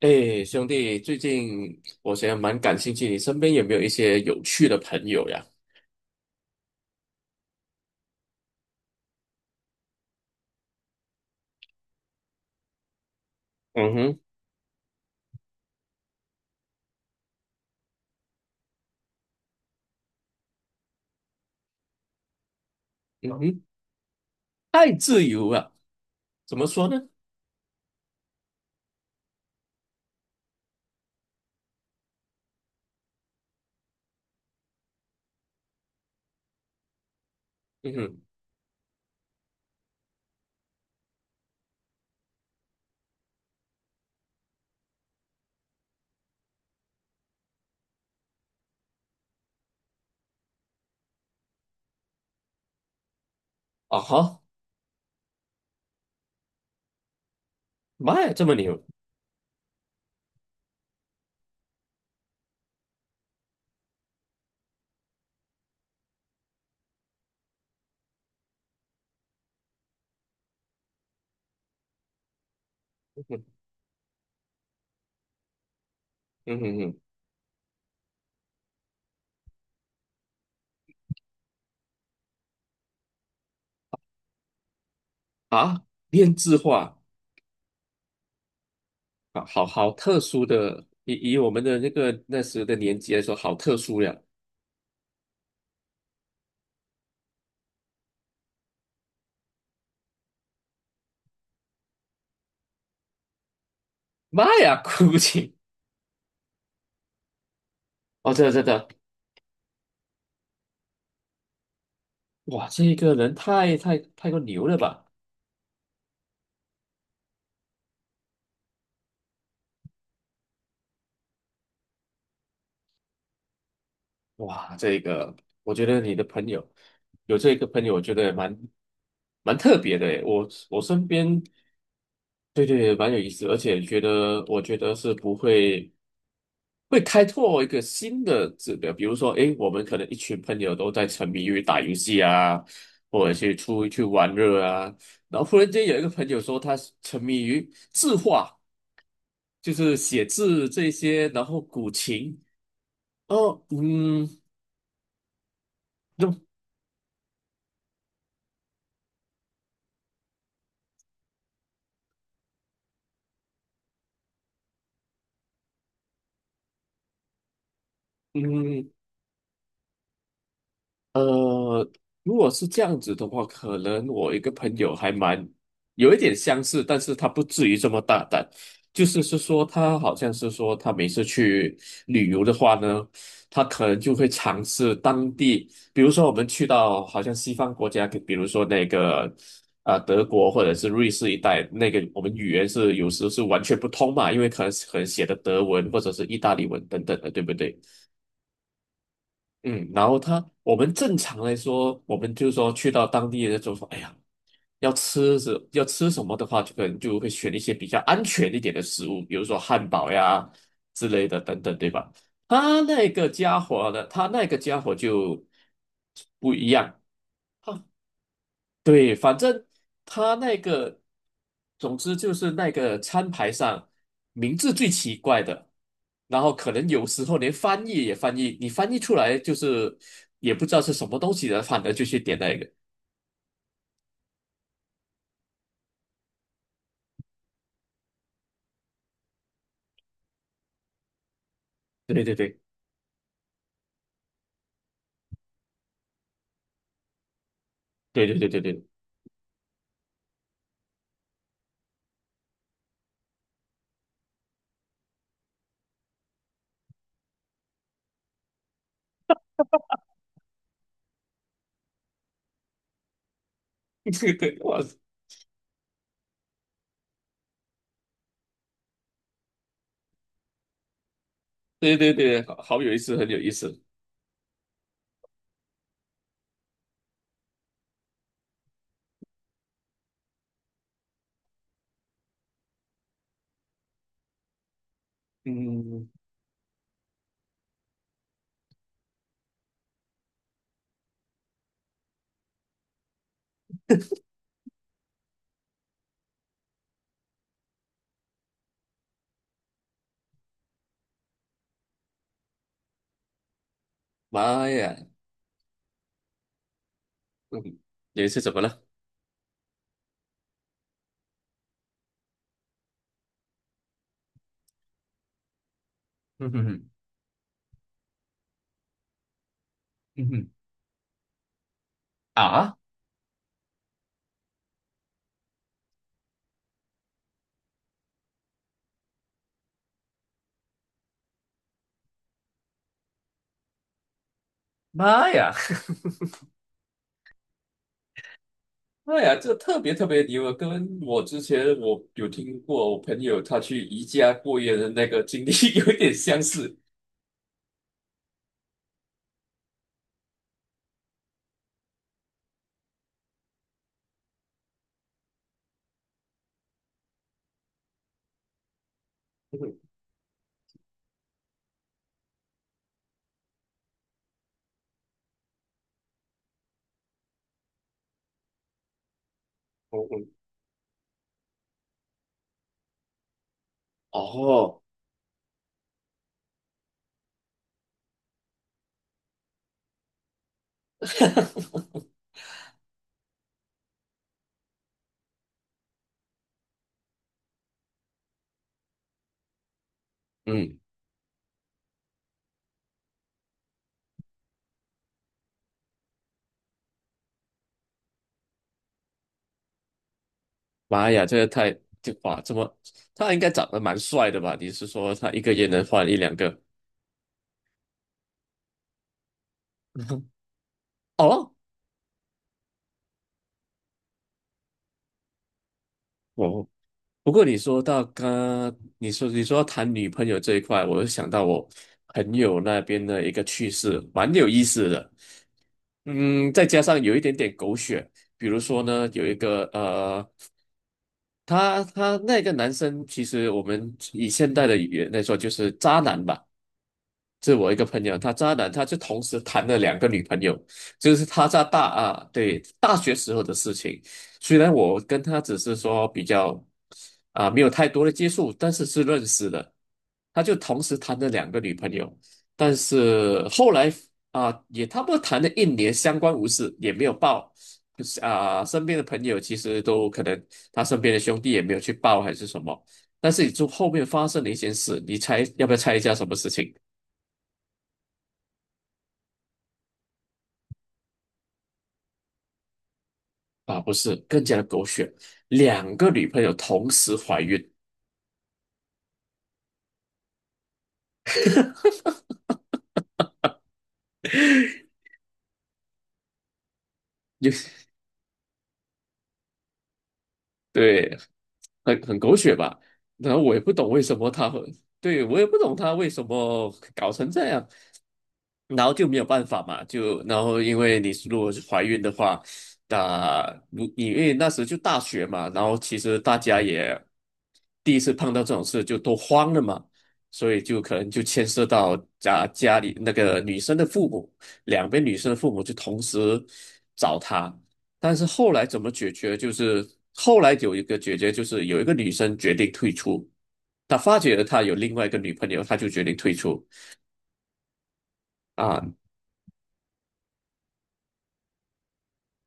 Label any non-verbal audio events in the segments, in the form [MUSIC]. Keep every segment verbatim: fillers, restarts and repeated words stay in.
哎，兄弟，最近我觉得蛮感兴趣，你身边有没有一些有趣的朋友呀？嗯哼，嗯哼，太自由了，怎么说呢？嗯哼，啊哈，妈呀，这么牛！嗯哼，嗯哼哼，啊，编制化啊，好好特殊的，以以我们的那个那时的年纪来说，好特殊呀！妈呀，哭泣！哦，真的真的，哇，这个人太太太过牛了吧？哇，这个我觉得你的朋友有这个朋友，我觉得蛮蛮特别的诶。我我身边，对对，蛮有意思，而且觉得我觉得是不会会开拓一个新的指标，比如说，诶，我们可能一群朋友都在沉迷于打游戏啊，或者去出去玩乐啊，然后忽然间有一个朋友说他沉迷于字画，就是写字这些，然后古琴，哦，嗯，就嗯。呃，如果是这样子的话，可能我一个朋友还蛮有一点相似，但是他不至于这么大胆。就是是说，他好像是说，他每次去旅游的话呢，他可能就会尝试当地，比如说我们去到好像西方国家，比如说那个啊、呃德国或者是瑞士一带，那个我们语言是有时是完全不通嘛，因为可能可能写的德文或者是意大利文等等的，对不对？嗯，然后他，我们正常来说，我们就说去到当地的就说，哎呀，要吃什要吃什么的话，就可能就会选一些比较安全一点的食物，比如说汉堡呀之类的等等，对吧？他那个家伙呢，他那个家伙就不一样，对，反正他那个，总之就是那个餐牌上名字最奇怪的，然后可能有时候连翻译也翻译，你翻译出来就是也不知道是什么东西的，反而就去点那个。对对对对对对对对，[LAUGHS] 对对哇，对对对，好好有意思，很有意思。嗯，妈呀，嗯，有一次怎么了？[LAUGHS] 嗯哼哼，嗯哼，啊，妈呀！[LAUGHS] 哎呀，这特别特别牛啊！跟我之前我有听过我朋友他去宜家过夜的那个经历 [LAUGHS] 有一点相似。[LAUGHS] 嗯嗯嗯哦，嗯，妈呀，这个太就哇，这么他应该长得蛮帅的吧？你是说他一个月能换一两个？哦，哦，不过你说到刚，你说你说到谈女朋友这一块，我就想到我朋友那边的一个趣事，蛮有意思的。嗯，再加上有一点点狗血，比如说呢，有一个呃。他他那个男生，其实我们以现代的语言来说，就是渣男吧。这我一个朋友，他渣男，他就同时谈了两个女朋友，就是他在大啊，对，大学时候的事情。虽然我跟他只是说比较啊，没有太多的接触，但是是认识的。他就同时谈了两个女朋友，但是后来啊，也差不多谈了一年，相安无事，也没有报。啊，身边的朋友其实都可能他身边的兄弟也没有去报还是什么。但是你就后面发生了一件事，你猜要不要猜一下什么事情啊？不是，更加的狗血，两个女朋友同时怀孕，[LAUGHS] 对。很很狗血吧。然后我也不懂为什么他会，对，我也不懂他为什么搞成这样。然后就没有办法嘛，就然后因为你如果是怀孕的话，那如因为那时就大学嘛，然后其实大家也第一次碰到这种事就都慌了嘛，所以就可能就牵涉到家家里那个女生的父母，两边女生的父母就同时找他，但是后来怎么解决？就是后来有一个解决，就是有一个女生决定退出，她发觉了她有另外一个女朋友，她就决定退出啊。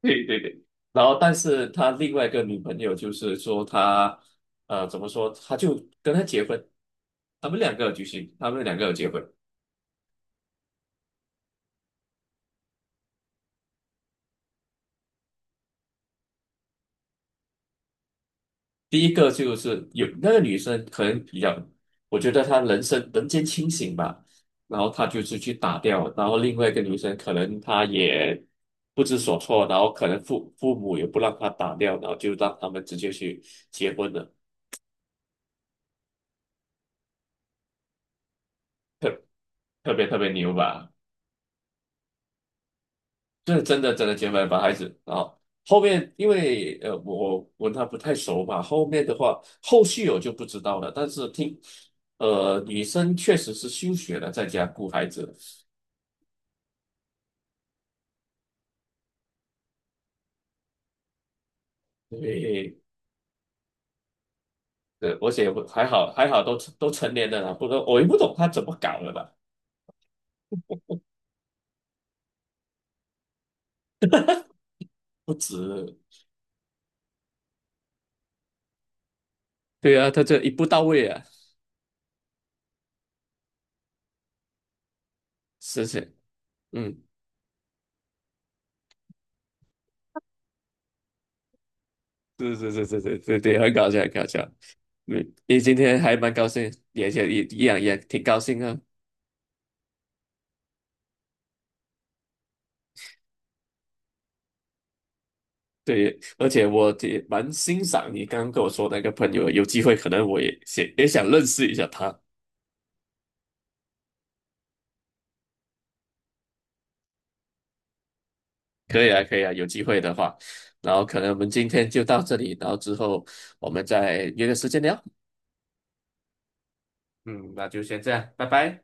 对对对。然后，但是他另外一个女朋友就是说他呃，怎么说？他就跟他结婚，他们两个有举行，他们两个有结婚。第一个就是有那个女生可能比较，我觉得她人生人间清醒吧，然后她就是去打掉，然后另外一个女生可能她也不知所措，然后可能父父母也不让她打掉，然后就让他们直接去结婚了，特特别特别牛吧，这真的真的结婚了把孩子，然后后面因为呃我我跟她不太熟嘛，后面的话后续我就不知道了，但是听呃女生确实是休学了，在家顾孩子。对，对，而且我还好，还好都都成年了啦，不然我也不懂他怎么搞的吧，不止，对啊，他这一步到位啊，是是，嗯，是是是是是对对，很搞笑，很搞笑。你你今天还蛮高兴，也也也一样也挺高兴啊。对，而且我也蛮欣赏你刚刚跟我说那个朋友，有机会可能我也想也想认识一下他。可以啊，可以啊，有机会的话，然后可能我们今天就到这里，然后之后我们再约个时间聊。嗯，那就先这样，拜拜。